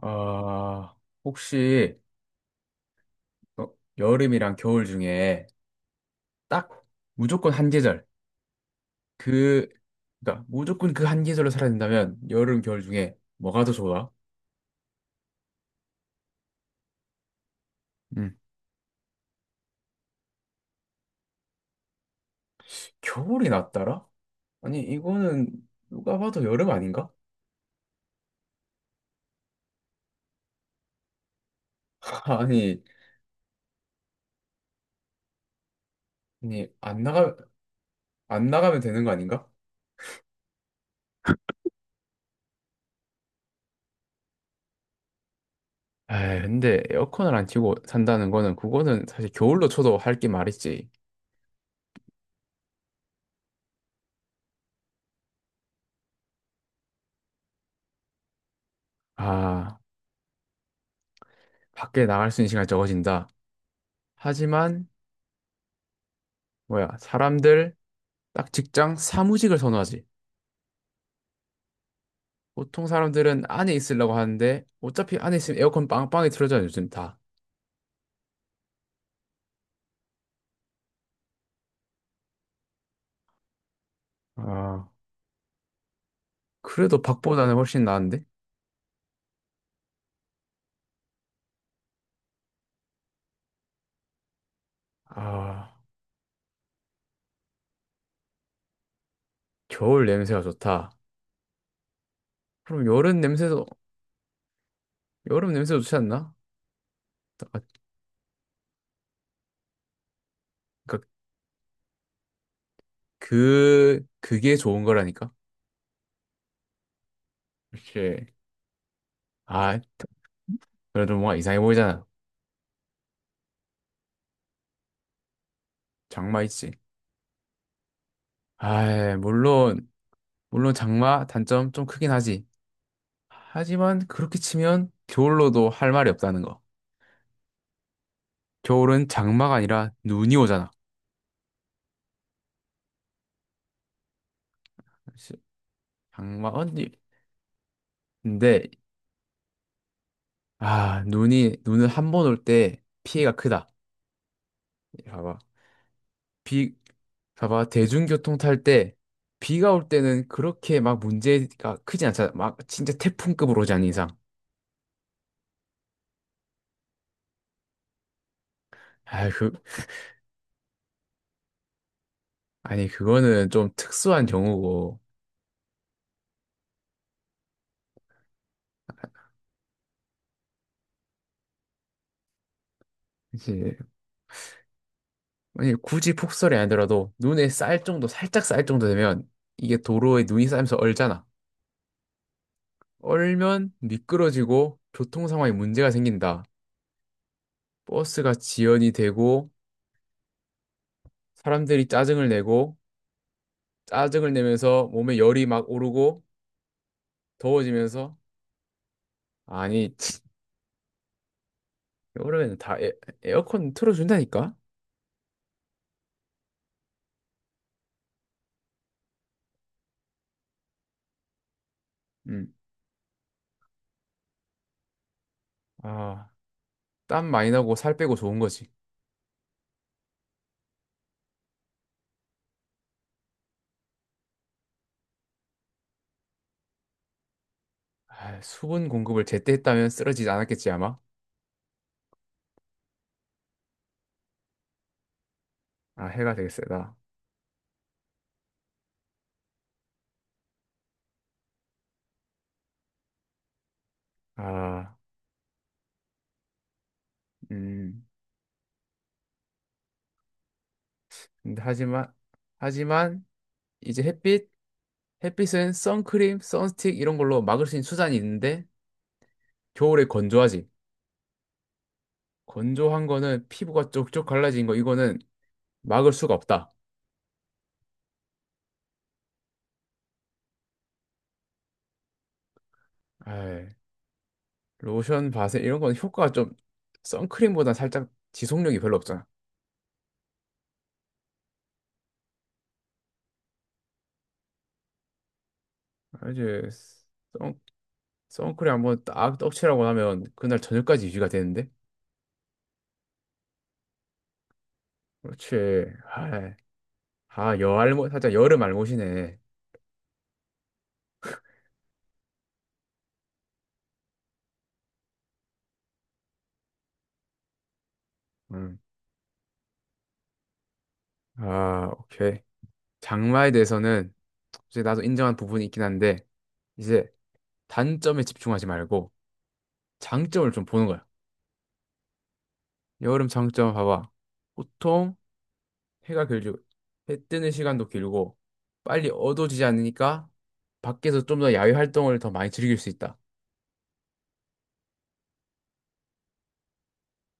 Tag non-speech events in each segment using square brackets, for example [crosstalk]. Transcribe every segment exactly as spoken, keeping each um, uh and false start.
아, 혹시 어, 여름이랑 겨울 중에 딱 무조건 한 계절. 그 그러니까 무조건 그 한 계절로 살아야 된다면 여름 겨울 중에 뭐가 더 좋아? 음, 겨울이 낫더라? 아니 이거는 누가 봐도 여름 아닌가? [laughs] 아니 아니 안 나가. 안 나가면 되는 거 아닌가? 에이, 근데 에어컨을 안 켜고 산다는 거는 그거는 사실 겨울로 쳐도 할 게 말이지. 아, 밖에 나갈 수 있는 시간이 적어진다. 하지만 뭐야 사람들 딱 직장 사무직을 선호하지. 보통 사람들은 안에 있으려고 하는데 어차피 안에 있으면 에어컨 빵빵히 틀어져요, 요즘 다. 아, 그래도 밖보다는 훨씬 나은데? 아, 겨울 냄새가 좋다. 그럼 여름 냄새도, 여름 냄새도 좋지 않나? 아, 그러니까 그, 그게 좋은 거라니까? 이렇 아, 그래도 뭔가 이상해 보이잖아. 장마 있지. 아, 물론, 물론 장마 단점 좀 크긴 하지. 하지만 그렇게 치면 겨울로도 할 말이 없다는 거. 겨울은 장마가 아니라 눈이 오잖아. 시- 장마 언니. 근데 아 눈이 눈은 한 번 올 때 피해가 크다. 봐봐. 비. 봐봐, 대중교통 탈 때 비가 올 때는 그렇게 막 문제가 크진 않잖아. 막 진짜 태풍급으로 오지 않는 이상. 아 그 아니 그거는 좀 특수한 경우고. 그치. 아니 굳이 폭설이 아니더라도 눈에 쌀 정도, 살짝 쌀 정도 되면 이게 도로에 눈이 쌓이면서 얼잖아. 얼면 미끄러지고 교통 상황에 문제가 생긴다. 버스가 지연이 되고 사람들이 짜증을 내고, 짜증을 내면서 몸에 열이 막 오르고 더워지면서. 아니 [tsk] 여름에는 다 에, 에어컨 틀어준다니까? 음. 아, 땀 많이 나고 살 빼고 좋은 거지. 아, 수분 공급을 제때 했다면 쓰러지지 않았겠지 아마. 아, 해가 되게 세다. 아, 음. 근데 하지만 하지만 이제 햇빛 햇빛은 선크림, 선스틱 이런 걸로 막을 수 있는 수단이 있는데 겨울에 건조하지. 건조한 거는 피부가 쪽쪽 갈라진 거 이거는 막을 수가 없다. 에이, 로션, 바세 이런 건 효과가 좀, 선크림보다 살짝 지속력이 별로 없잖아. 아, 이제 선, 선크림 한번 딱 떡칠하고 나면 그날 저녁까지 유지가 되는데. 그렇지. 아, 아, 여알못 살짝 여름 알못이네. 음. 아, 오케이. 장마에 대해서는 이제 나도 인정한 부분이 있긴 한데 이제 단점에 집중하지 말고 장점을 좀 보는 거야. 여름 장점 봐봐. 보통 해가 길고 해 뜨는 시간도 길고 빨리 어두워지지 않으니까 밖에서 좀 더 야외 활동을 더 많이 즐길 수 있다.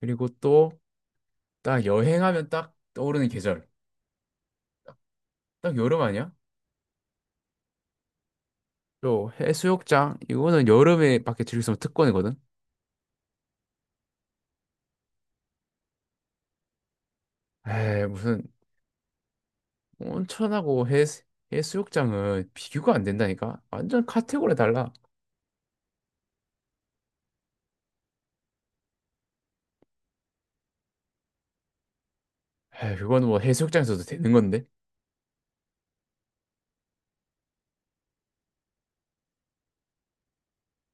그리고 또 딱 여행하면 딱 떠오르는 계절. 딱, 딱 여름 아니야? 또 해수욕장 이거는 여름에 밖에 즐길 수 있는 특권이거든. 에이 무슨. 온천하고 해 해수욕장은 비교가 안 된다니까. 완전 카테고리 달라. 에이 그건 뭐 해수욕장에서도 되는 건데.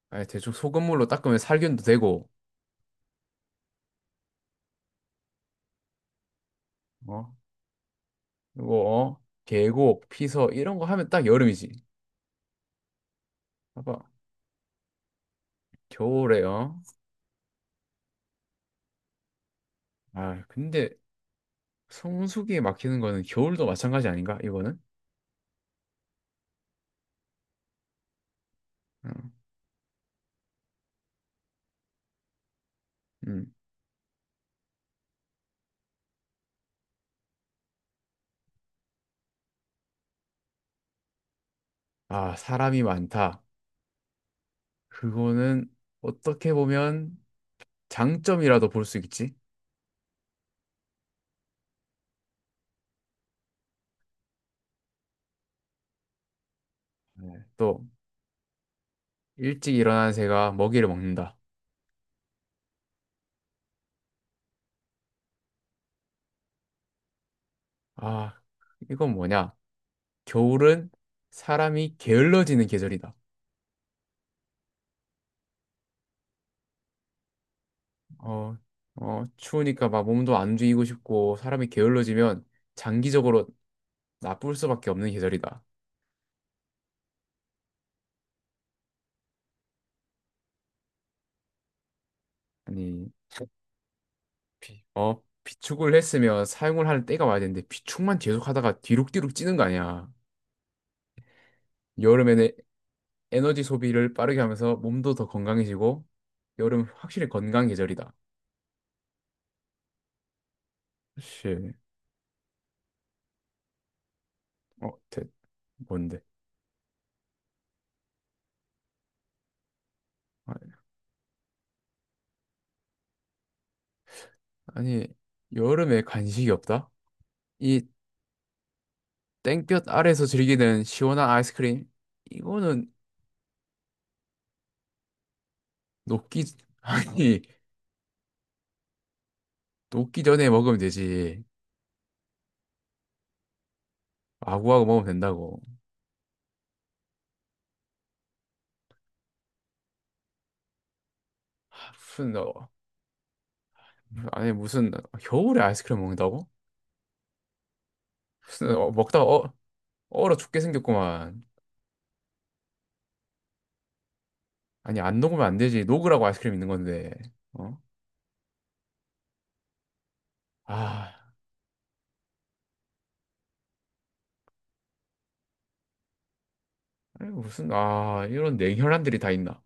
아니, 대충 소금물로 닦으면 살균도 되고. 어? 그리고, 어? 계곡, 피서, 이런 거 하면 딱 여름이지. 봐봐. 겨울에, 요 아, 근데 성수기에 막히는 거는 겨울도 마찬가지 아닌가, 이거는? 응. 음. 아, 사람이 많다. 그거는 어떻게 보면 장점이라도 볼 수 있지. 또, 일찍 일어난 새가 먹이를 먹는다. 아, 이건 뭐냐? 겨울은 사람이 게을러지는 계절이다. 어, 어, 추우니까 막 몸도 안 움직이고 싶고 사람이 게을러지면 장기적으로 나쁠 수밖에 없는 계절이다. 아니, 비, 어, 비축을 했으면 사용을 할 때가 와야 되는데 비축만 계속 하다가 뒤룩뒤룩 찌는 거 아니야. 여름에는 에너지 소비를 빠르게 하면서 몸도 더 건강해지고 여름 확실히 건강 계절이다. 사실 어, 대, 뭔데? 아, 아니, 여름에 간식이 없다? 이 땡볕 아래에서 즐기는 시원한 아이스크림? 이거는 녹기, [laughs] 아니, 녹기 전에 먹으면 되지. 아구아구 먹으면 된다고. 무슨, 어, 아니, 무슨, 겨울에 아이스크림 먹는다고? 무슨, 어, 먹다가 어, 얼어 죽게 생겼구만. 아니, 안 녹으면 안 되지. 녹으라고 아이스크림 있는 건데. 어? 아, 아니, 무슨, 아, 이런 냉혈한들이 다 있나.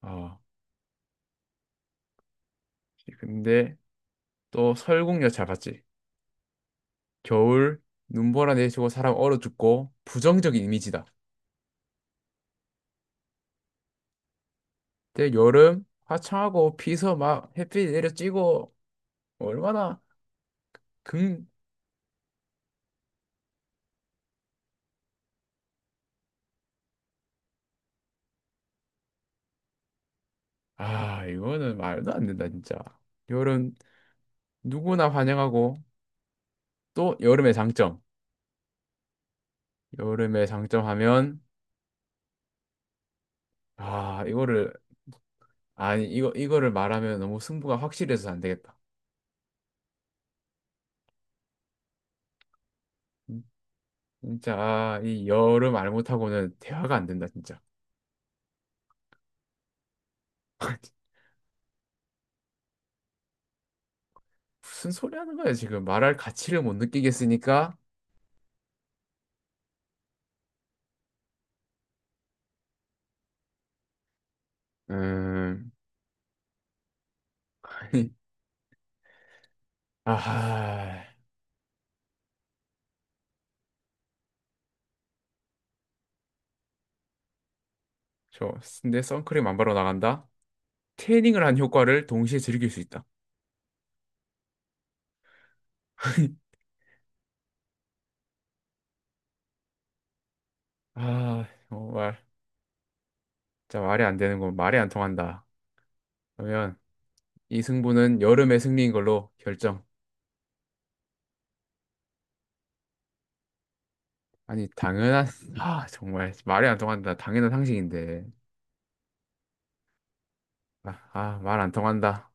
아, 근데 또 설국열 잘 봤지. 겨울, 눈보라 내리고 사람 얼어 죽고, 부정적인 이미지다. 근데 여름, 화창하고 비서 막 햇빛 내려 찌고, 얼마나 긍, 아, 이거는 말도 안 된다, 진짜. 여름, 누구나 환영하고, 또 여름의 장점. 여름의 장점 하면, 아, 이거를, 아니, 이거, 이거를 말하면 너무 승부가 확실해서 안 되겠다. 음, 진짜, 아, 이 여름 말 못하고는 대화가 안 된다, 진짜. [laughs] 무슨 소리 하는 거야, 지금. 말할 가치를 못 느끼겠으니까, 음, [laughs] 아니, 아, 저, 내 선크림 안 바르고 나간다? 태닝을 한 효과를 동시에 즐길 수 있다. [laughs] 아, 정말. 진짜 말이 안 되는 건 말이 안 통한다. 그러면 이 승부는 여름의 승리인 걸로 결정. 아니, 당연한, 아, 정말 말이 안 통한다. 당연한 상식인데. 아, 아, 말안 통한다.